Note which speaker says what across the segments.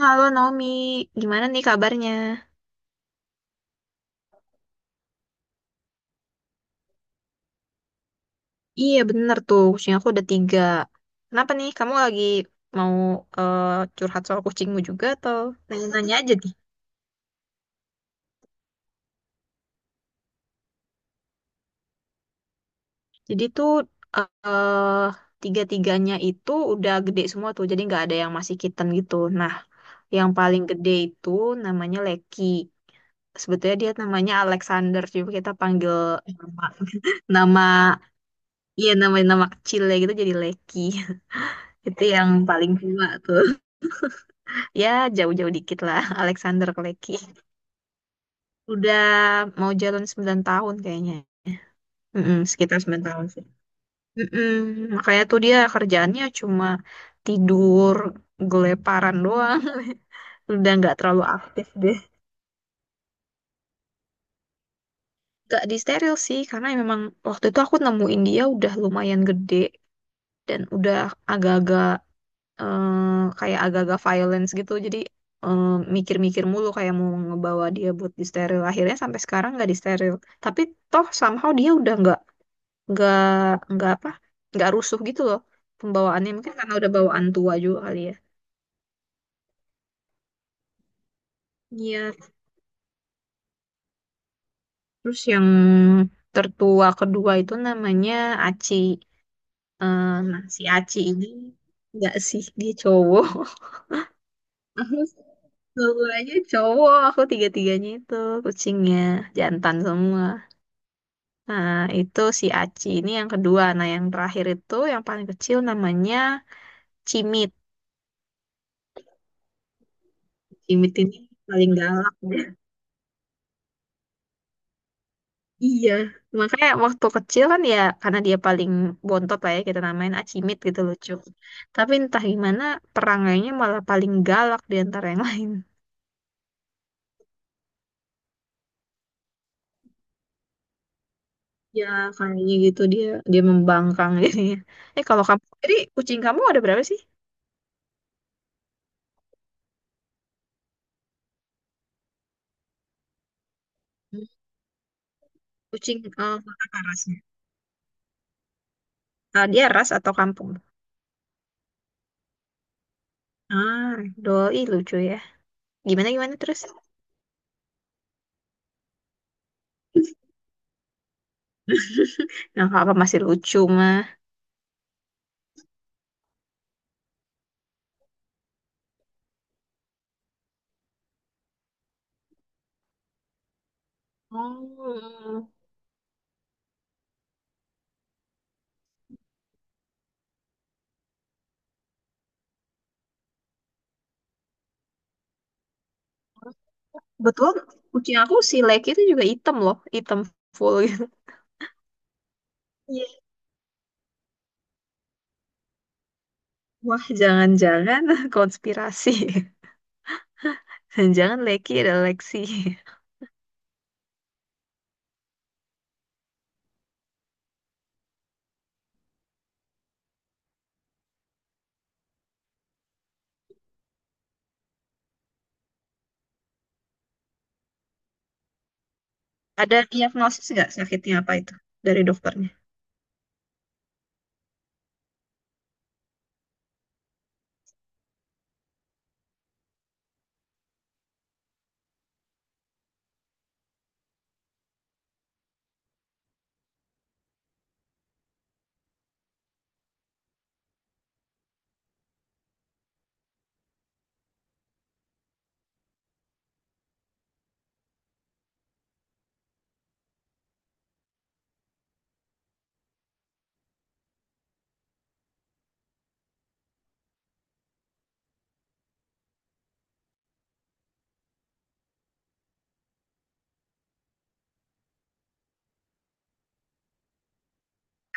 Speaker 1: Halo Naomi, gimana nih kabarnya? Iya bener tuh, kucing aku udah tiga. Kenapa nih, kamu lagi mau eh, curhat soal kucingmu juga atau nanya-nanya aja nih? Jadi tuh eh tiga-tiganya itu udah gede semua tuh, jadi nggak ada yang masih kitten gitu. Nah, yang paling gede itu namanya Leki. Sebetulnya dia namanya Alexander, cuma kita panggil nama, nama, iya, nama nama kecil ya gitu jadi Leki. Itu yang paling tua tuh. Ya, jauh-jauh dikit lah. Alexander Kleki. Udah mau jalan 9 tahun kayaknya. Mm-mm, sekitar 9 tahun sih. Mm-mm. Makanya tuh dia kerjaannya cuma tidur, geleparan doang. Udah nggak terlalu aktif deh. Gak disteril sih, karena memang waktu itu aku nemuin dia udah lumayan gede. Dan udah agak-agak eh, kayak agak-agak violence gitu jadi eh, mikir-mikir mulu kayak mau ngebawa dia buat disteril akhirnya sampai sekarang nggak disteril tapi toh somehow dia udah nggak nggak apa nggak rusuh gitu loh pembawaannya mungkin karena udah bawaan tua juga kali ya. Iya, terus yang tertua kedua itu namanya Aci. Nah si Aci ini nggak sih dia cowok. Aku semuanya cowok, aku tiga-tiganya itu kucingnya jantan semua. Nah, itu si Aci ini yang kedua. Nah, yang terakhir itu yang paling kecil namanya Cimit. Cimit ini paling galak deh. Iya, makanya waktu kecil kan ya karena dia paling bontot lah ya kita namain Acimit gitu lucu. Tapi entah gimana perangainya malah paling galak di antara yang lain. Ya, kayaknya gitu dia dia membangkang jadinya. Kalau kamu jadi kucing kamu ada berapa sih? Hmm. Kucing apa rasnya? Ah, dia ras atau kampung? Ah, doi lucu ya. Gimana gimana terus? Yang apa masih lucu mah? Oh. Betul, kucing aku si Leki itu juga hitam loh, hitam full gitu. Iya. Wah, jangan-jangan konspirasi. Jangan-jangan Leki ada Lexi. Ada diagnosis nggak sakitnya apa itu dari dokternya?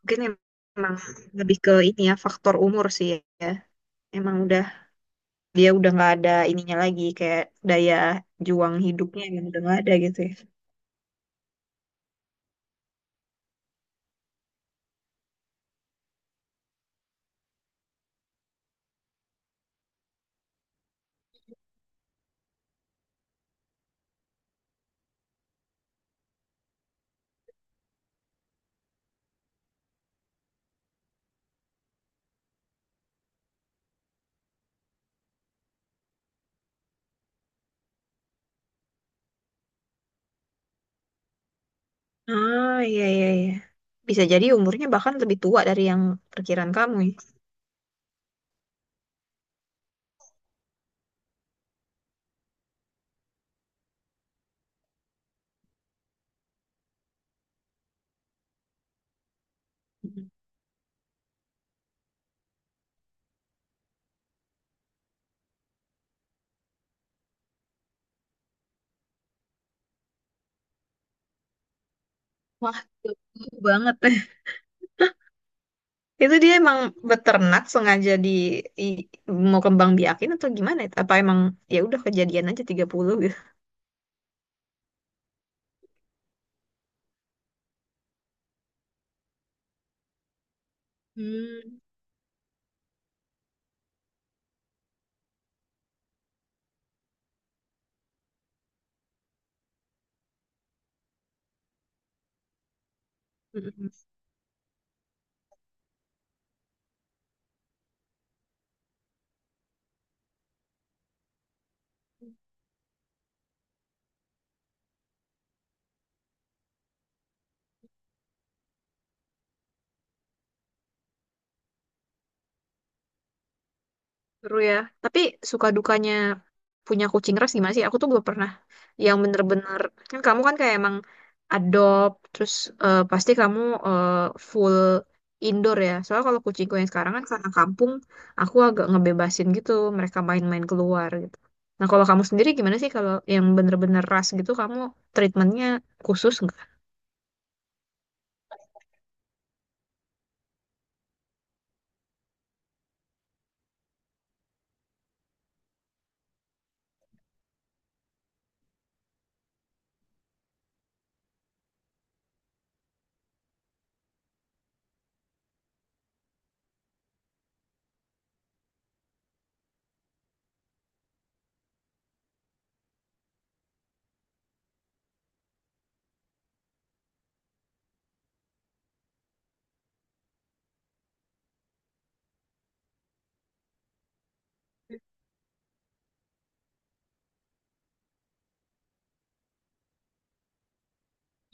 Speaker 1: Mungkin emang lebih ke ini ya, faktor umur sih ya. Emang udah, dia udah nggak ada ininya lagi, kayak daya juang hidupnya yang udah nggak ada gitu ya. Ah, iya, iya, iya. Bisa jadi umurnya bahkan lebih tua dari yang perkiraan kamu ya. Wah, jauh banget. Itu dia emang beternak sengaja i- mau kembang biakin atau gimana? Apa emang ya udah kejadian aja 30 gitu. Hmm. Seru ya. Tapi suka dukanya punya kucing ras gimana sih? Aku tuh belum pernah yang bener-bener. Kan kamu kan kayak emang adopt, terus pasti kamu eh, full indoor ya. Soalnya kalau kucingku yang sekarang kan karena kampung, aku agak ngebebasin gitu. Mereka main-main keluar gitu. Nah kalau kamu sendiri gimana sih kalau yang bener-bener ras gitu, kamu treatmentnya khusus nggak?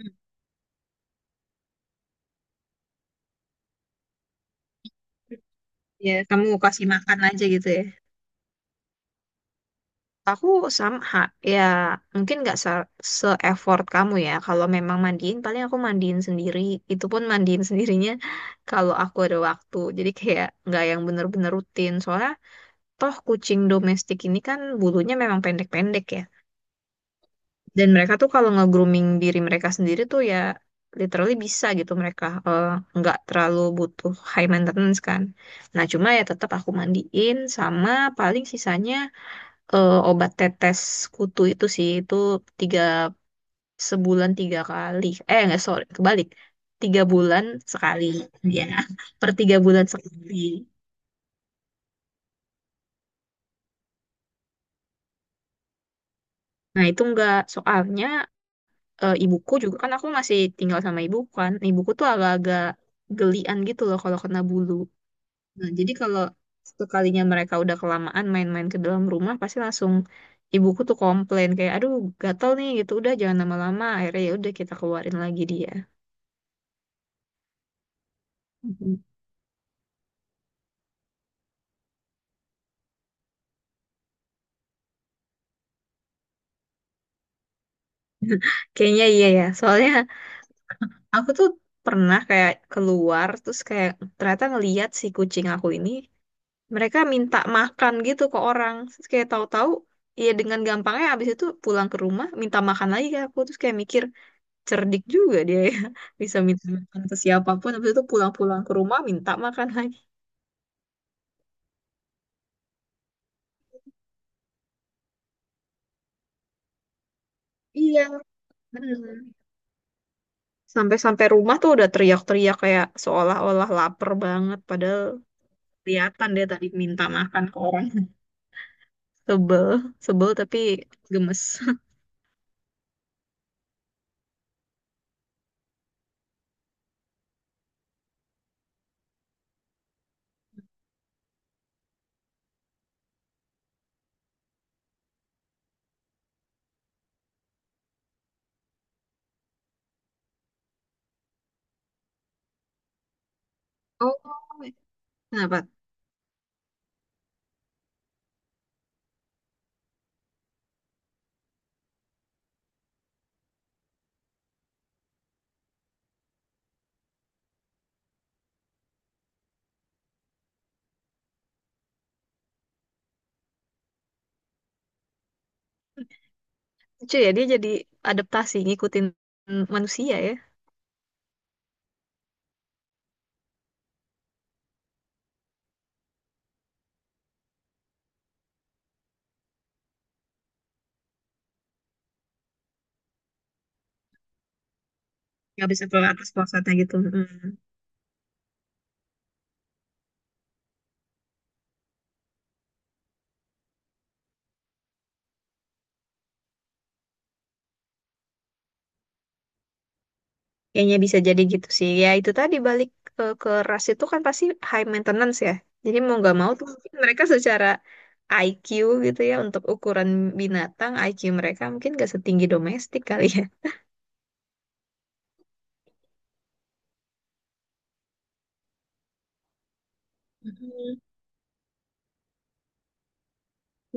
Speaker 1: Hmm. Ya, kamu kasih makan aja gitu ya. Aku sama, ya mungkin nggak se-effort kamu ya. Kalau memang mandiin, paling aku mandiin sendiri. Itu pun mandiin sendirinya kalau aku ada waktu. Jadi kayak nggak yang bener-bener rutin. Soalnya toh kucing domestik ini kan bulunya memang pendek-pendek ya. Dan mereka tuh kalau nge-grooming diri mereka sendiri tuh ya literally bisa gitu mereka nggak terlalu butuh high maintenance kan. Nah cuma ya tetap aku mandiin sama paling sisanya obat tetes kutu itu sih itu tiga sebulan tiga kali eh nggak sorry kebalik 3 bulan sekali ya per 3 bulan sekali nah itu nggak soalnya ibuku juga kan aku masih tinggal sama ibuku kan ibuku tuh agak-agak gelian gitu loh kalau kena bulu nah jadi kalau sekalinya mereka udah kelamaan main-main ke dalam rumah pasti langsung ibuku tuh komplain kayak aduh gatel nih gitu udah jangan lama-lama akhirnya ya udah kita keluarin lagi dia. Kayaknya iya ya. Soalnya aku tuh pernah kayak keluar terus kayak ternyata ngeliat si kucing aku ini mereka minta makan gitu ke orang. Terus kayak tahu-tahu ya dengan gampangnya abis itu pulang ke rumah minta makan lagi ke aku terus kayak mikir cerdik juga dia ya bisa minta makan ke siapapun abis itu pulang-pulang ke rumah minta makan lagi. Iya, bener. Sampai-sampai rumah tuh udah teriak-teriak kayak seolah-olah lapar banget padahal kelihatan dia tadi minta makan ke orang. Sebel, sebel tapi gemes. Oh, kenapa? Lucu ya, dia jadi adaptasi ngikutin manusia ya. Nggak bisa keluar atas puasanya gitu. Mm. Kayaknya bisa jadi gitu sih. Ya itu tadi balik ke ras itu kan pasti high maintenance ya. Jadi mau nggak mau tuh mungkin mereka secara IQ gitu ya untuk ukuran binatang IQ mereka mungkin nggak setinggi domestik kali ya. Mhm.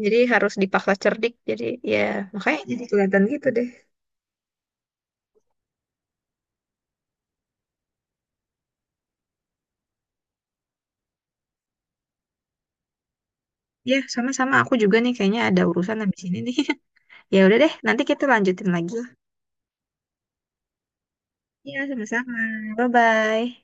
Speaker 1: Jadi harus dipaksa cerdik. Jadi ya makanya jadi kelihatan gitu deh. Ya, sama-sama. Aku juga nih kayaknya ada urusan habis ini nih. Ya udah deh, nanti kita lanjutin lagi. Ya, sama-sama. Bye-bye.